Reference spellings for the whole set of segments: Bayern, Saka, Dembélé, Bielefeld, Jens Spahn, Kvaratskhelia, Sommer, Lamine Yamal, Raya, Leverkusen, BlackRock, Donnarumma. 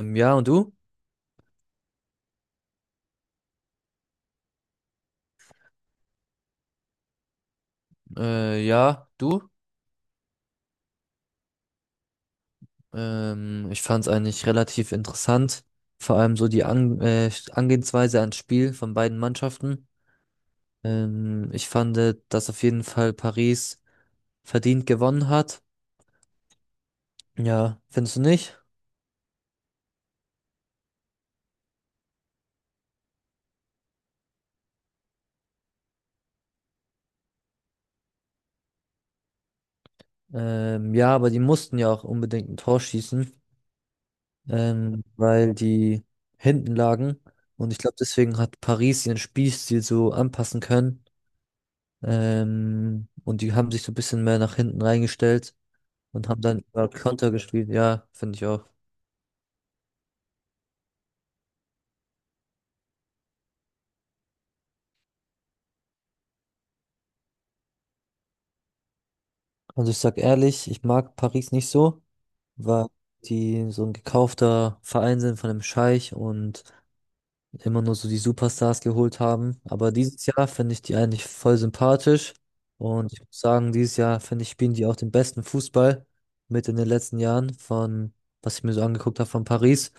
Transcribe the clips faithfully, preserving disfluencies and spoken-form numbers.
Ähm, Ja, und du? Äh, ja, du? Ähm, ich fand es eigentlich relativ interessant. Vor allem so die An äh, Angehensweise ans Spiel von beiden Mannschaften. Ähm, ich fand, äh, dass auf jeden Fall Paris verdient gewonnen hat. Ja, findest du nicht? Ähm, ja, aber die mussten ja auch unbedingt ein Tor schießen, ähm, weil die hinten lagen. Und ich glaube, deswegen hat Paris ihren Spielstil so anpassen können. Ähm, und die haben sich so ein bisschen mehr nach hinten reingestellt. Und haben dann über Konter gespielt. Ja, finde ich auch. Also ich sag ehrlich, ich mag Paris nicht so, weil die so ein gekaufter Verein sind von einem Scheich und immer nur so die Superstars geholt haben. Aber dieses Jahr finde ich die eigentlich voll sympathisch. Und ich muss sagen, dieses Jahr finde ich, spielen die auch den besten Fußball mit in den letzten Jahren von, was ich mir so angeguckt habe von Paris.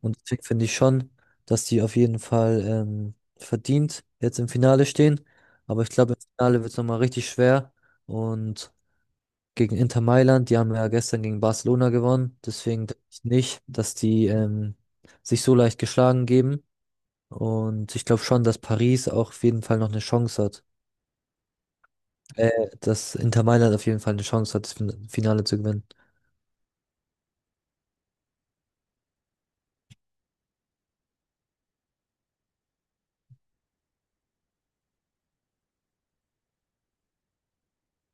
Und deswegen finde ich schon, dass die auf jeden Fall ähm, verdient jetzt im Finale stehen. Aber ich glaube, im Finale wird es nochmal richtig schwer. Und gegen Inter Mailand, die haben ja gestern gegen Barcelona gewonnen. Deswegen denke ich nicht, dass die ähm, sich so leicht geschlagen geben. Und ich glaube schon, dass Paris auch auf jeden Fall noch eine Chance hat. Äh, Dass Inter Mailand auf jeden Fall eine Chance hat, das Fin- Finale zu gewinnen.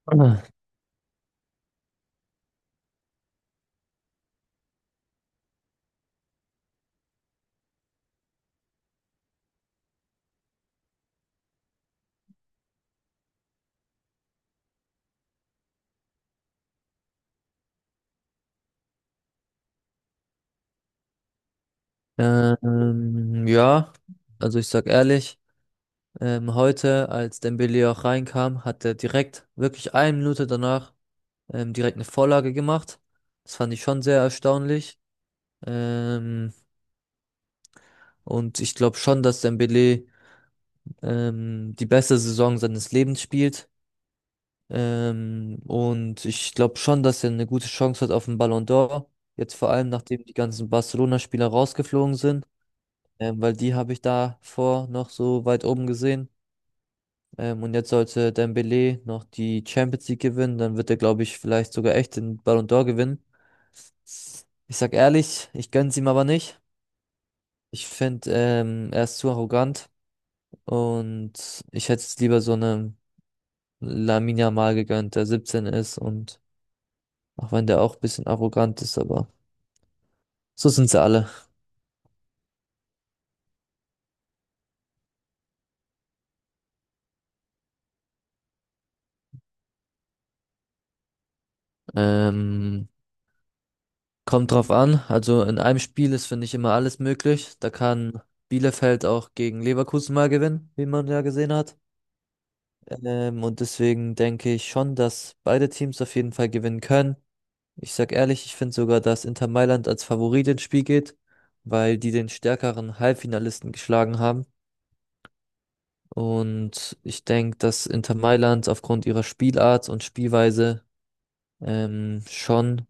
Ah. Ähm, ja, also ich sag ehrlich, ähm, heute, als Dembele auch reinkam, hat er direkt, wirklich eine Minute danach, ähm, direkt eine Vorlage gemacht. Das fand ich schon sehr erstaunlich. Ähm, und ich glaube schon, dass Dembele ähm, die beste Saison seines Lebens spielt. Ähm, und ich glaube schon, dass er eine gute Chance hat auf den Ballon d'Or. Jetzt vor allem, nachdem die ganzen Barcelona-Spieler rausgeflogen sind, ähm, weil die habe ich davor noch so weit oben gesehen. Ähm, und jetzt sollte Dembélé noch die Champions League gewinnen, dann wird er, glaube ich, vielleicht sogar echt den Ballon d'Or gewinnen. Ich sag ehrlich, ich gönn's ihm aber nicht. Ich finde, ähm, er ist zu arrogant und ich hätte es lieber so einem Lamine Yamal gegönnt, der siebzehn ist und auch wenn der auch ein bisschen arrogant ist, aber so sind sie alle. Ähm, Kommt drauf an. Also in einem Spiel ist, finde ich, immer alles möglich. Da kann Bielefeld auch gegen Leverkusen mal gewinnen, wie man ja gesehen hat. Ähm, und deswegen denke ich schon, dass beide Teams auf jeden Fall gewinnen können. Ich sag ehrlich, ich finde sogar, dass Inter Mailand als Favorit ins Spiel geht, weil die den stärkeren Halbfinalisten geschlagen haben. Und ich denke, dass Inter Mailand aufgrund ihrer Spielart und Spielweise ähm, schon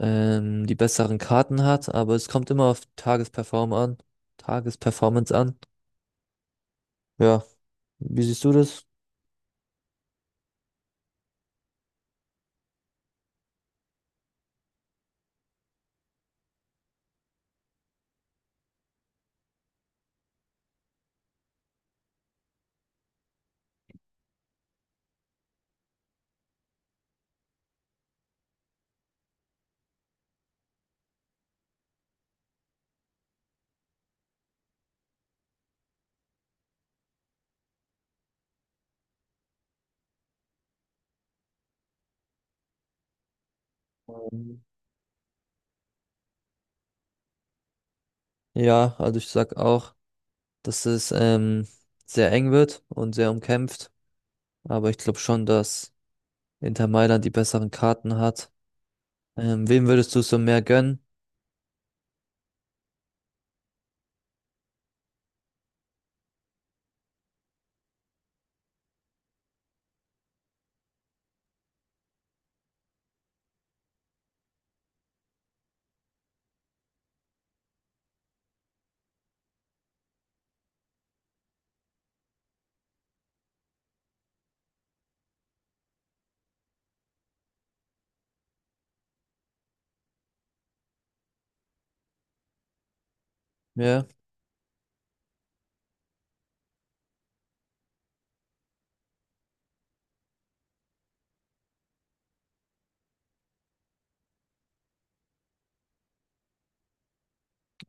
ähm, die besseren Karten hat, aber es kommt immer auf Tagesperform an, Tagesperformance an. Ja, wie siehst du das? Ähm, Ja, also ich sag auch, dass es ähm, sehr eng wird und sehr umkämpft, aber ich glaube schon, dass Inter Mailand die besseren Karten hat. Ähm, wem würdest du so mehr gönnen? Ja,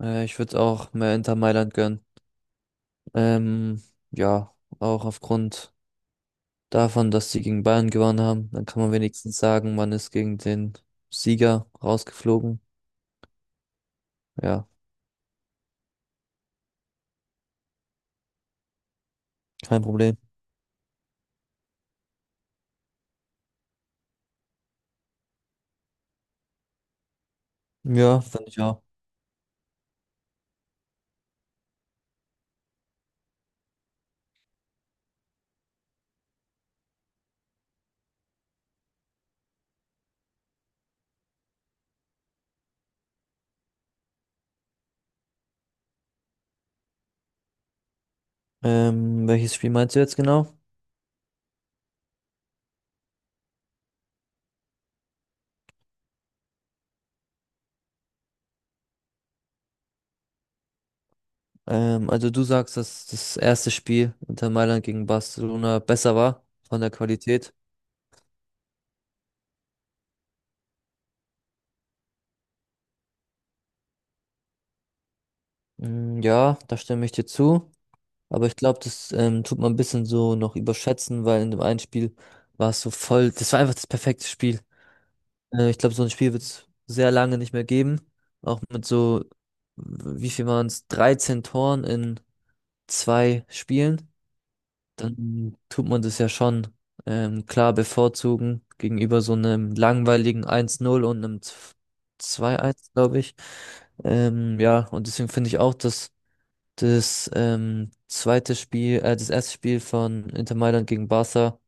äh, ich würde auch mehr Inter Mailand gönnen. Ähm, ja, auch aufgrund davon, dass sie gegen Bayern gewonnen haben. Dann kann man wenigstens sagen, man ist gegen den Sieger rausgeflogen. Ja, kein Problem. Ja, fand ich auch. Ähm, welches Spiel meinst du jetzt genau? Ähm, also du sagst, dass das erste Spiel Inter Mailand gegen Barcelona besser war von der Qualität. Mm, ja, da stimme ich dir zu. Aber ich glaube, das ähm, tut man ein bisschen so noch überschätzen, weil in dem einen Spiel war es so voll, das war einfach das perfekte Spiel. Äh, ich glaube, so ein Spiel wird es sehr lange nicht mehr geben. Auch mit so, wie viel waren es? Dreizehn Toren in zwei Spielen. Dann tut man das ja schon ähm, klar bevorzugen gegenüber so einem langweiligen eins null und einem z- zwei eins, glaube ich. Ähm, ja, und deswegen finde ich auch, dass das ähm, zweite Spiel, äh, das erste Spiel von Inter Mailand gegen Barca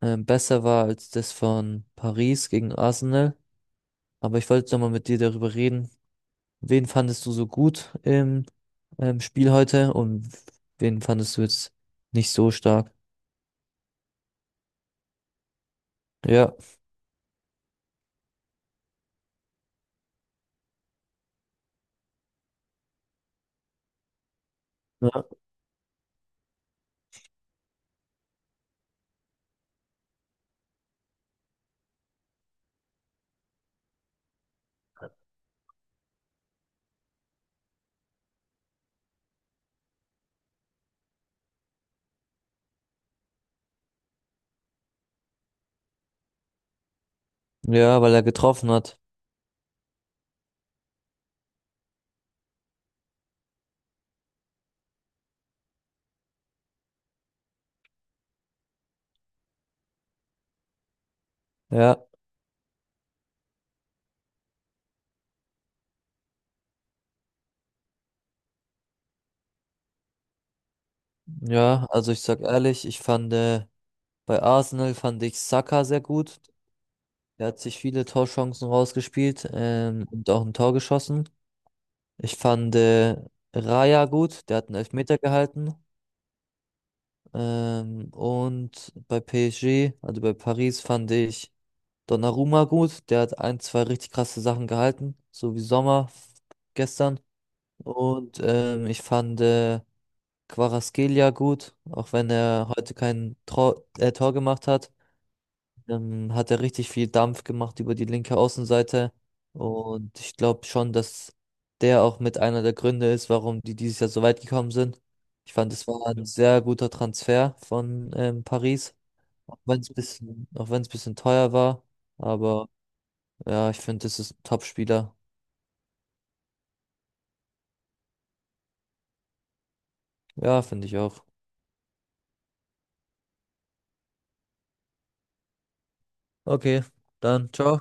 ähm, besser war als das von Paris gegen Arsenal. Aber ich wollte nochmal mit dir darüber reden. Wen fandest du so gut im ähm, Spiel heute und wen fandest du jetzt nicht so stark? Ja, ja, ja, weil er getroffen hat. Ja, ja, also ich sag ehrlich, ich fand äh, bei Arsenal fand ich Saka sehr gut. Er hat sich viele Torchancen rausgespielt, ähm, und auch ein Tor geschossen. Ich fand äh, Raya gut, der hat einen Elfmeter gehalten. Ähm, und bei P S G, also bei Paris, fand ich Donnarumma gut, der hat ein, zwei richtig krasse Sachen gehalten, so wie Sommer gestern. Und ähm, ich fand äh, Kvaratskhelia gut, auch wenn er heute kein Tor, äh, Tor gemacht hat, ähm, hat er richtig viel Dampf gemacht über die linke Außenseite. Und ich glaube schon, dass der auch mit einer der Gründe ist, warum die dieses Jahr so weit gekommen sind. Ich fand, es war ein sehr guter Transfer von ähm, Paris, auch wenn es bisschen, auch wenn es bisschen teuer war, aber ja, ich finde, das ist ein Top-Spieler. Ja, finde ich auch. Okay, dann ciao.